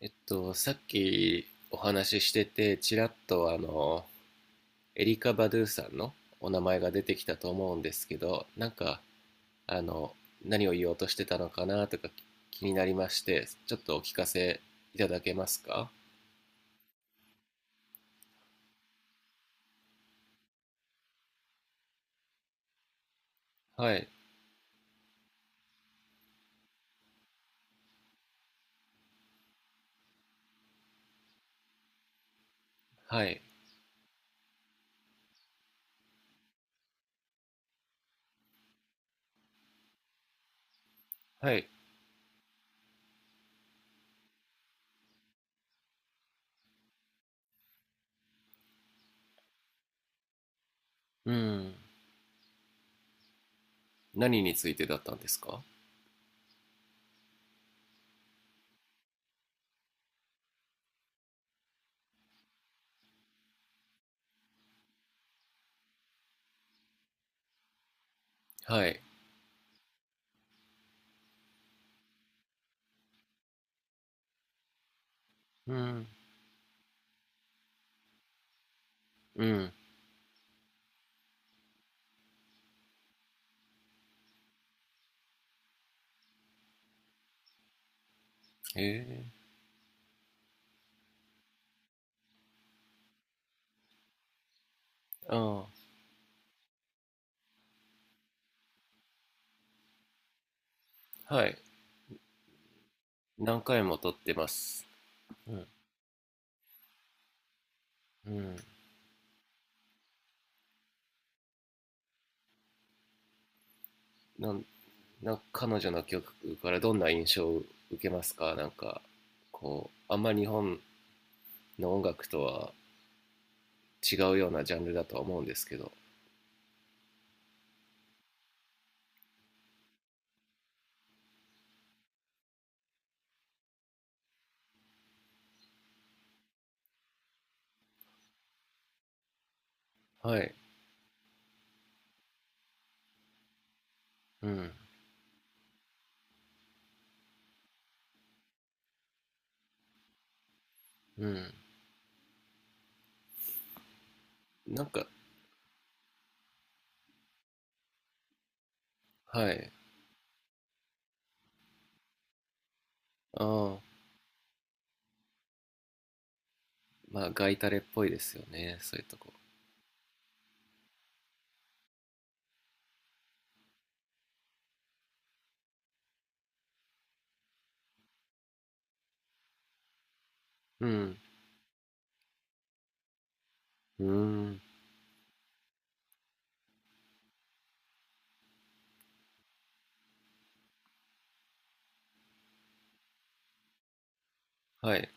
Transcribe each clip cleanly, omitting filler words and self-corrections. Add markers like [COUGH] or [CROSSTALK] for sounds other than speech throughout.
さっきお話ししてて、ちらっとエリカ・バドゥさんのお名前が出てきたと思うんですけど、あの、何を言おうとしてたのかなとか気になりまして、ちょっとお聞かせいただけますか？はい、はい、はい。うん。何についてだったんですか？はい。うん、うん。へえ。ああ、はい。何回も撮ってます。うん、うん。なんなんか彼女の曲からどんな印象を受けますか？なんかこうあんまり日本の音楽とは違うようなジャンルだとは思うんですけど。はい。うん、うん。なんか、はい。ああ。まあ、ガイタレっぽいですよね、そういうとこ。うん、うん、はい。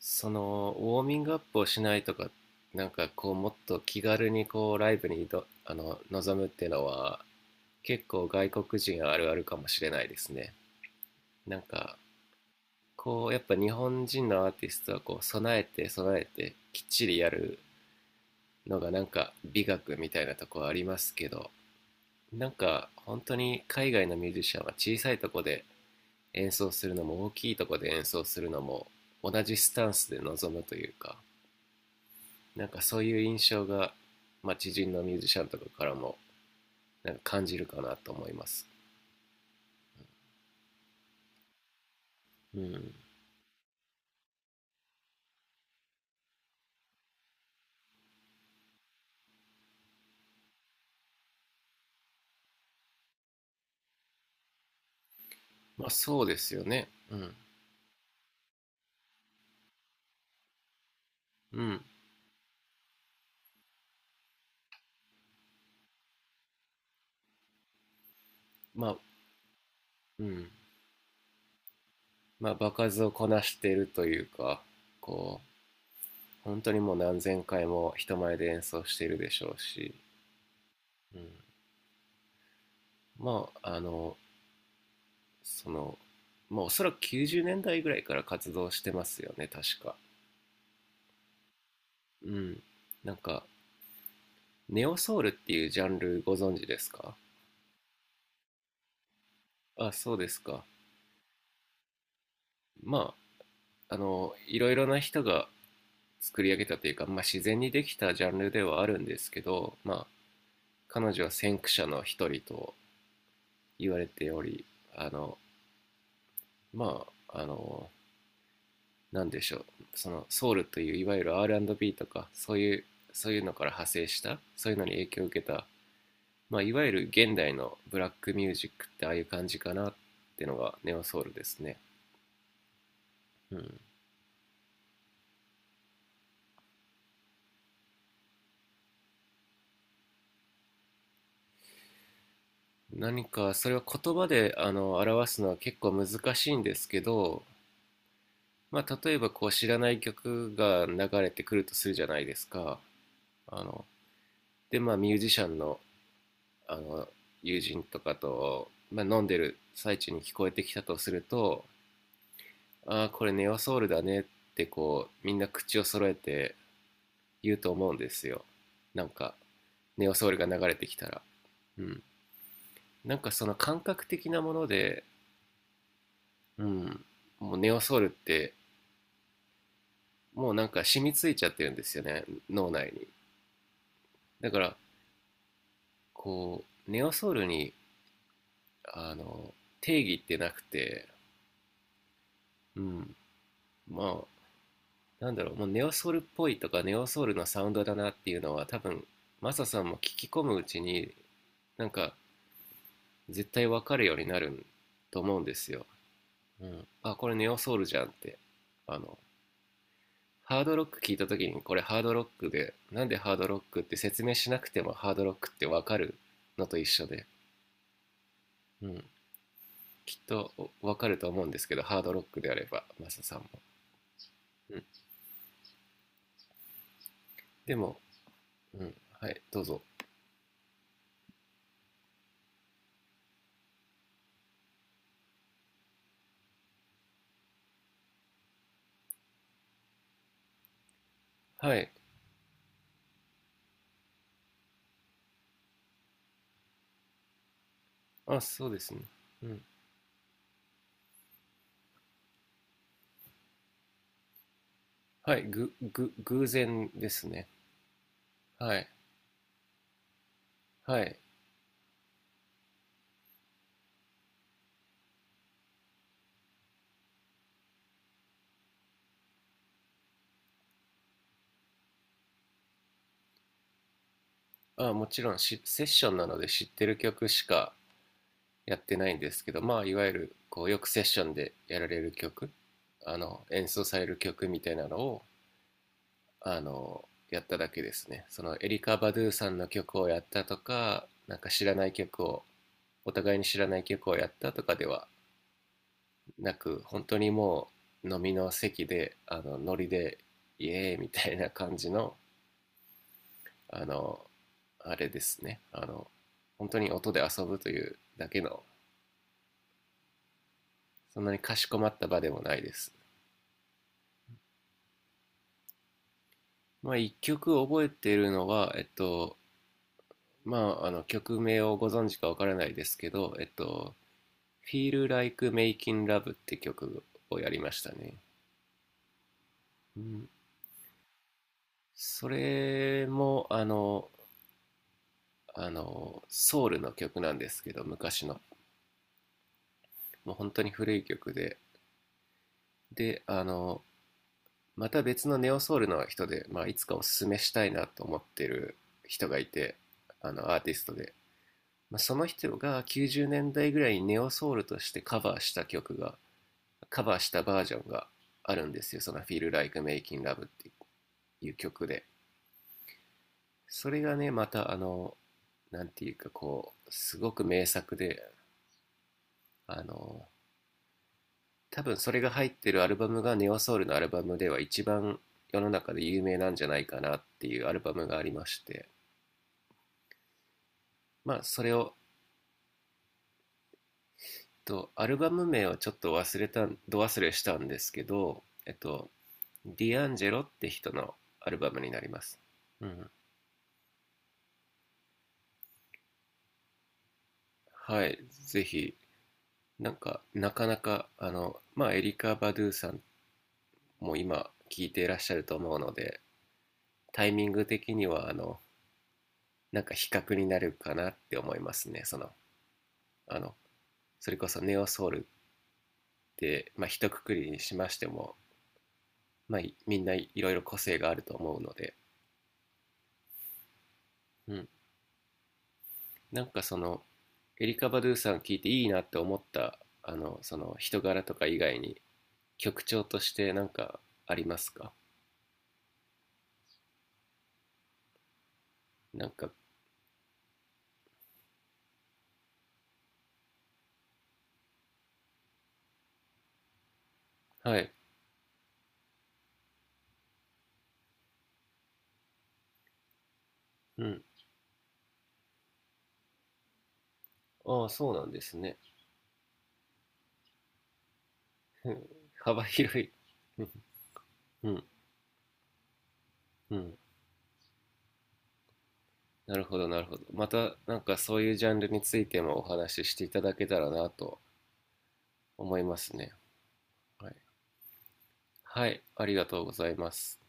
そのウォーミングアップをしないとか、なんかこうもっと気軽にこうライブにどあの臨むっていうのは結構外国人あるあるかもしれないですね。なんかこうやっぱ日本人のアーティストはこう備えて備えてきっちりやるのがなんか美学みたいなとこありますけど、なんか本当に海外のミュージシャンは小さいとこで演奏するのも大きいとこで演奏するのも同じスタンスで臨むというか、なんかそういう印象が、まあ、知人のミュージシャンとかからもなんか感じるかなと思います。うん。まあ、そうですよね。うん、うん。まあ。うん。まあ、場数をこなしているというか、こう本当にもう何千回も人前で演奏しているでしょうし、うん、まあそのまあおそらく90年代ぐらいから活動してますよね、確か。うん。なんかネオソウルっていうジャンルご存知ですか？あ、そうですか。まあいろいろな人が作り上げたというか、まあ、自然にできたジャンルではあるんですけど、まあ、彼女は先駆者の一人と言われており、あのまあ何でしょう、そのソウルといういわゆる R&B とかそういうのから派生したそういうのに影響を受けた、まあ、いわゆる現代のブラックミュージックってああいう感じかなってのがネオソウルですね。うん、何かそれは言葉で表すのは結構難しいんですけど、まあ、例えばこう知らない曲が流れてくるとするじゃないですか。あので、まあミュージシャンのあの友人とかと、まあ、飲んでる最中に聞こえてきたとすると、「ああ、これネオソウルだね」ってこうみんな口を揃えて言うと思うんですよ、なんかネオソウルが流れてきたら。うん。なんかその感覚的なもので、うん、もうネオソウルってもうなんか染みついちゃってるんですよね、脳内に。だからこうネオソウルにあの定義ってなくて、うん、まあなんだろう、もうネオソウルっぽいとかネオソウルのサウンドだなっていうのは多分マサさんも聞き込むうちになんか絶対わかるようになると思うんですよ。うん、あ、これネオソウルじゃんって、あのハードロック聞いた時にこれハードロックで、なんでハードロックって説明しなくてもハードロックってわかるのと一緒で、うん、きっとわかると思うんですけど、ハードロックであればマサさんも。うん。でも、うん、はい、どうぞ。はい、あ、そうですね。うん。はい、偶然ですね。はい。はい。あ、もちろんセッションなので知ってる曲しかやってないんですけど、まあ、いわゆる、こう、よくセッションでやられる曲、演奏される曲みたいなのを、やっただけですね。その、エリカ・バドゥさんの曲をやったとか、なんか知らない曲を、お互いに知らない曲をやったとかではなく、本当にもう、飲みの席で、ノリで、イエーイみたいな感じの、あの、あれですね。本当に音で遊ぶというだけの、そんなにかしこまった場でもないです。まあ、一曲覚えてるのは、まあ、曲名をご存知かわからないですけど、Feel Like Making Love って曲をやりましたね。うん、それも、ソウルの曲なんですけど、昔の。もう本当に古い曲で。で、また別のネオソウルの人で、まあ、いつかおすすめしたいなと思ってる人がいて、アーティストで、まあ、その人が90年代ぐらいにネオソウルとしてカバーした曲が、カバーしたバージョンがあるんですよ、その「Feel Like Making Love」っていう曲で。それがね、またなんていうか、こうすごく名作で、あの多分それが入ってるアルバムがネオソウルのアルバムでは一番世の中で有名なんじゃないかなっていうアルバムがありまして、まあ、それを、アルバム名をちょっと忘れたど忘れしたんですけど、ディアンジェロって人のアルバムになります。うん。はい、ぜひ。なんか、なかなか、まあ、エリカ・バドゥさんも今、聴いていらっしゃると思うので、タイミング的には、なんか比較になるかなって思いますね。その、あの、それこそネオソウルって、まあ、一括りにしましても、まあ、みんないろいろ個性があると思うので。うん。なんか、そのエリカ・バドゥさん聞いていいなって思ったその人柄とか以外に、曲調としてなんかありますか？なんか、はい。うん。ああ、そうなんですね。 [LAUGHS] 幅広い [LAUGHS] うん、うん。なるほど、なるほど。またなんかそういうジャンルについてもお話ししていただけたらなと思いますね。はい、はい、ありがとうございます